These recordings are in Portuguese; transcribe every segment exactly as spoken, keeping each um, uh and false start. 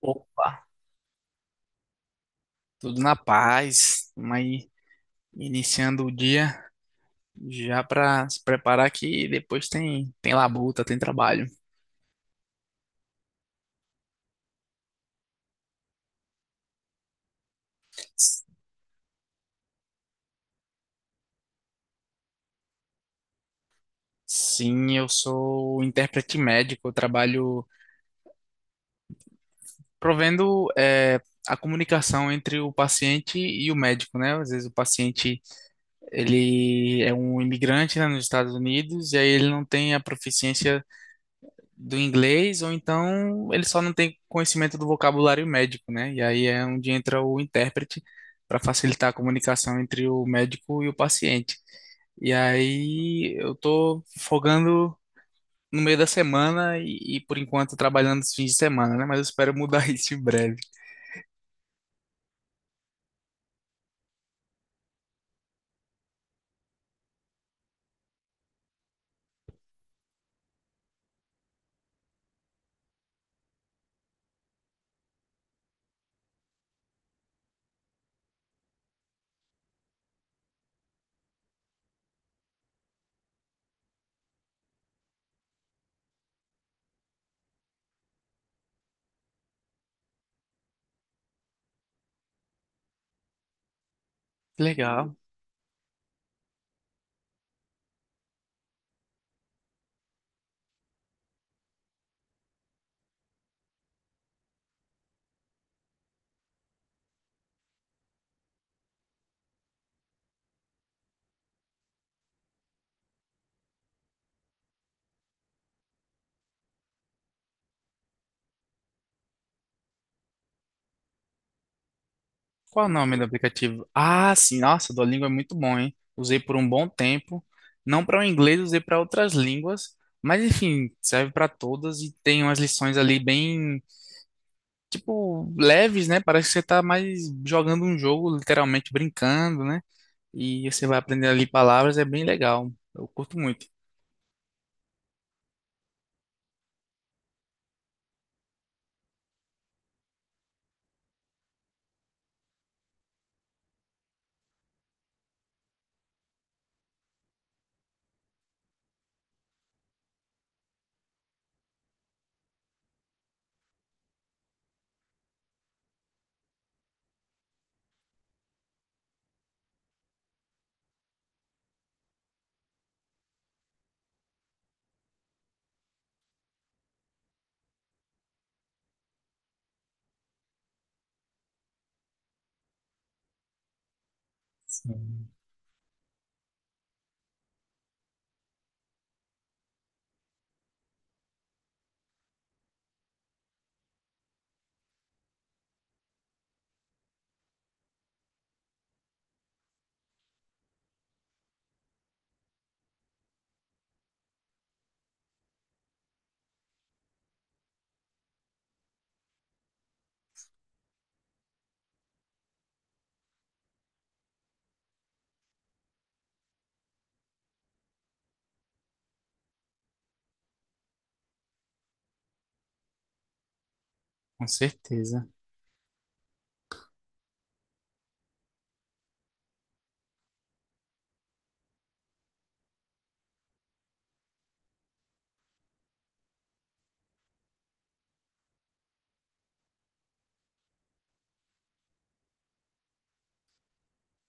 Opa, tudo na paz. Vamos aí iniciando o dia já para se preparar que depois tem tem labuta, tem trabalho. S- Sim, eu sou intérprete médico, eu trabalho provendo eh, a comunicação entre o paciente e o médico, né? Às vezes o paciente ele é um imigrante, né, nos Estados Unidos e aí ele não tem a proficiência do inglês, ou então ele só não tem conhecimento do vocabulário médico, né? E aí é onde entra o intérprete para facilitar a comunicação entre o médico e o paciente. E aí eu tô folgando no meio da semana e, e por enquanto trabalhando os fins de semana, né? Mas eu espero mudar isso em breve. Legal. Qual o nome do aplicativo? Ah, sim, nossa, Duolingo é muito bom, hein? Usei por um bom tempo, não para o inglês, usei para outras línguas, mas enfim, serve para todas e tem umas lições ali bem, tipo, leves, né? Parece que você tá mais jogando um jogo, literalmente brincando, né? E você vai aprendendo ali palavras, é bem legal. Eu curto muito. Sim. Com certeza.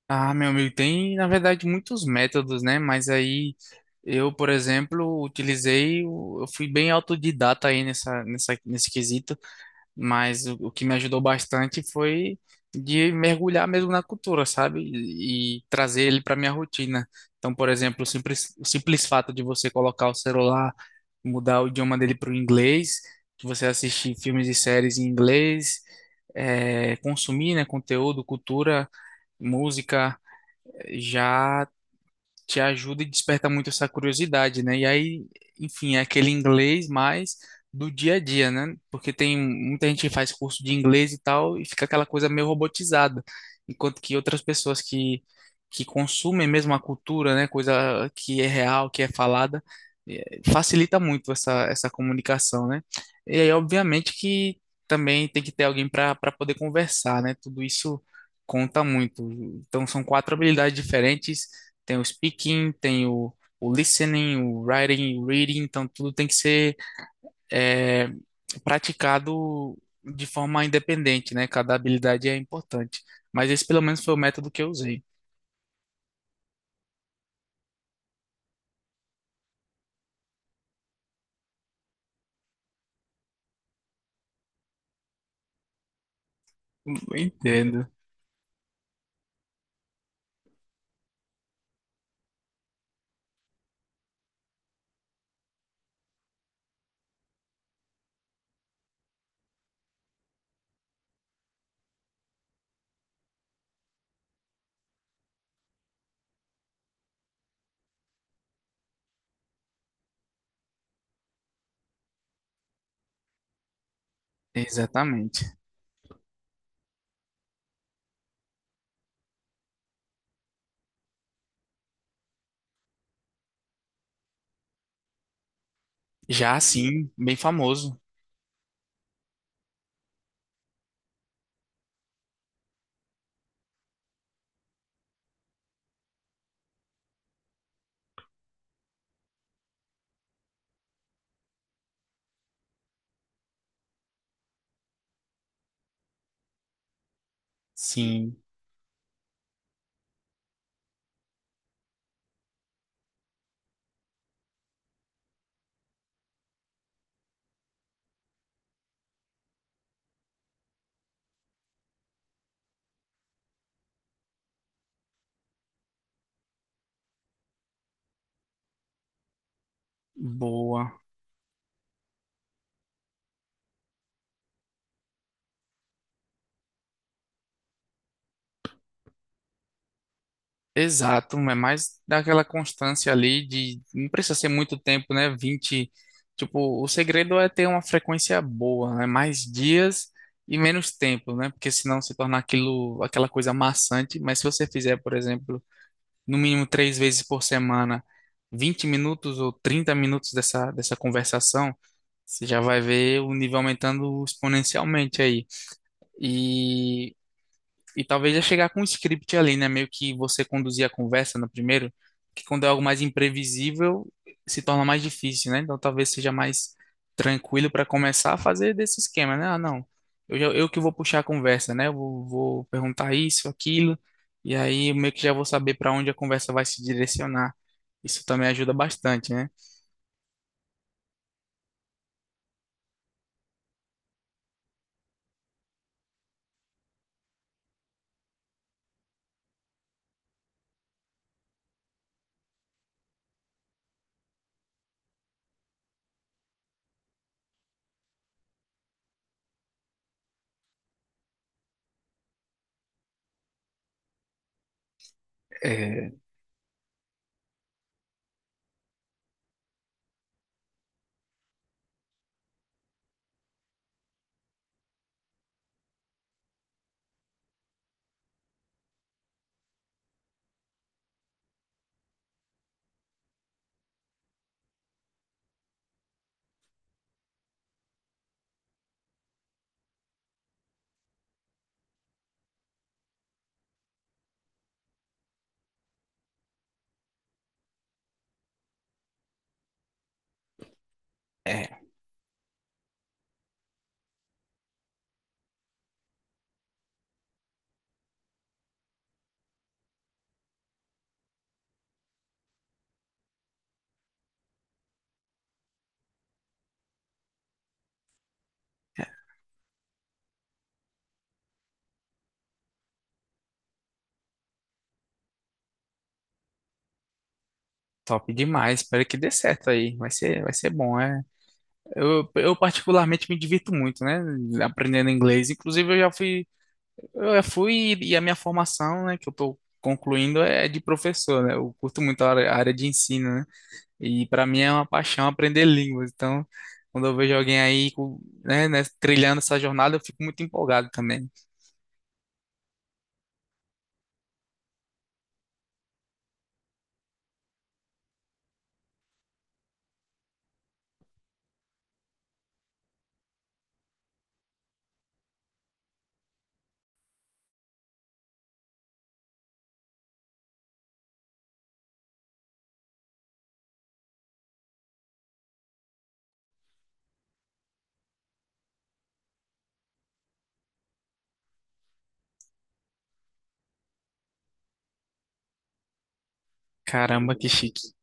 Ah, meu amigo, tem na verdade muitos métodos, né? Mas aí eu, por exemplo, utilizei, o- eu fui bem autodidata aí nessa, nessa, nesse quesito, mas o, o que me ajudou bastante foi de mergulhar mesmo na cultura, sabe? E, e trazer ele para minha rotina. Então, por exemplo, o simples, o simples fato de você colocar o celular, mudar o idioma dele para o inglês, de você assistir filmes e séries em inglês, eh, consumir, né, conteúdo, cultura, música já te ajuda e desperta muito essa curiosidade, né? E aí, enfim, é aquele inglês mais do dia a dia, né? Porque tem muita gente que faz curso de inglês e tal e fica aquela coisa meio robotizada, enquanto que outras pessoas que que consumem mesmo a cultura, né? Coisa que é real, que é falada, eh, facilita muito essa essa comunicação, né? E aí, obviamente que também tem que ter alguém para para poder conversar, né? Tudo isso conta muito. Então, são quatro habilidades diferentes, tem o speaking, tem o, o listening, o writing, o reading, então tudo tem que ser é, praticado de forma independente, né? Cada habilidade é importante. Mas esse pelo menos foi o método que eu usei. Entendo. Exatamente. Já assim, bem famoso. Sim, boa. Exato, é mais daquela constância ali de não precisa ser muito tempo, né? vinte tipo, o segredo é ter uma frequência boa, né? Mais dias e menos tempo, né? Porque senão se torna aquilo, aquela coisa maçante, mas se você fizer, por exemplo, no mínimo três vezes por semana, vinte minutos ou trinta minutos dessa, dessa conversação, você já vai ver o nível aumentando exponencialmente aí. E talvez já chegar com um script ali, né? Meio que você conduzir a conversa no primeiro, que quando é algo mais imprevisível, se torna mais difícil, né? Então talvez seja mais tranquilo para começar a fazer desse esquema, né? Ah, não, eu, já- eu que vou puxar a conversa, né? Eu vou, vou perguntar isso, aquilo, e aí eu meio que já vou saber para onde a conversa vai se direcionar. Isso também ajuda bastante, né? É, é top demais. Espero que dê certo aí. Vai ser, vai ser bom, é. Eu, eu particularmente me divirto muito, né? Aprendendo inglês. Inclusive, eu já fui, eu já fui e a minha formação, né, que eu tô concluindo é de professor, né? Eu curto muito a área, a área de ensino, né? E para mim é uma paixão aprender línguas. Então, quando eu vejo alguém aí, com- né, né, trilhando essa jornada, eu fico muito empolgado também. Caramba, que chique.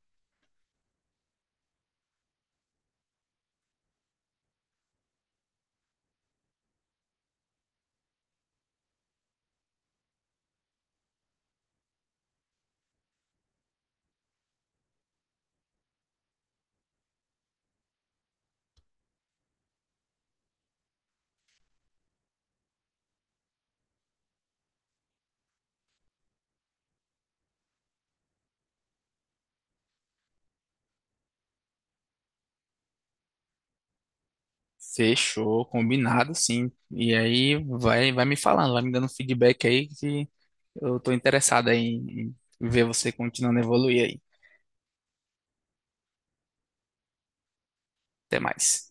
Fechou, combinado, sim. E aí vai, vai me falando, vai me dando feedback aí que eu tô interessado aí em em ver você continuando a evoluir aí. Até mais.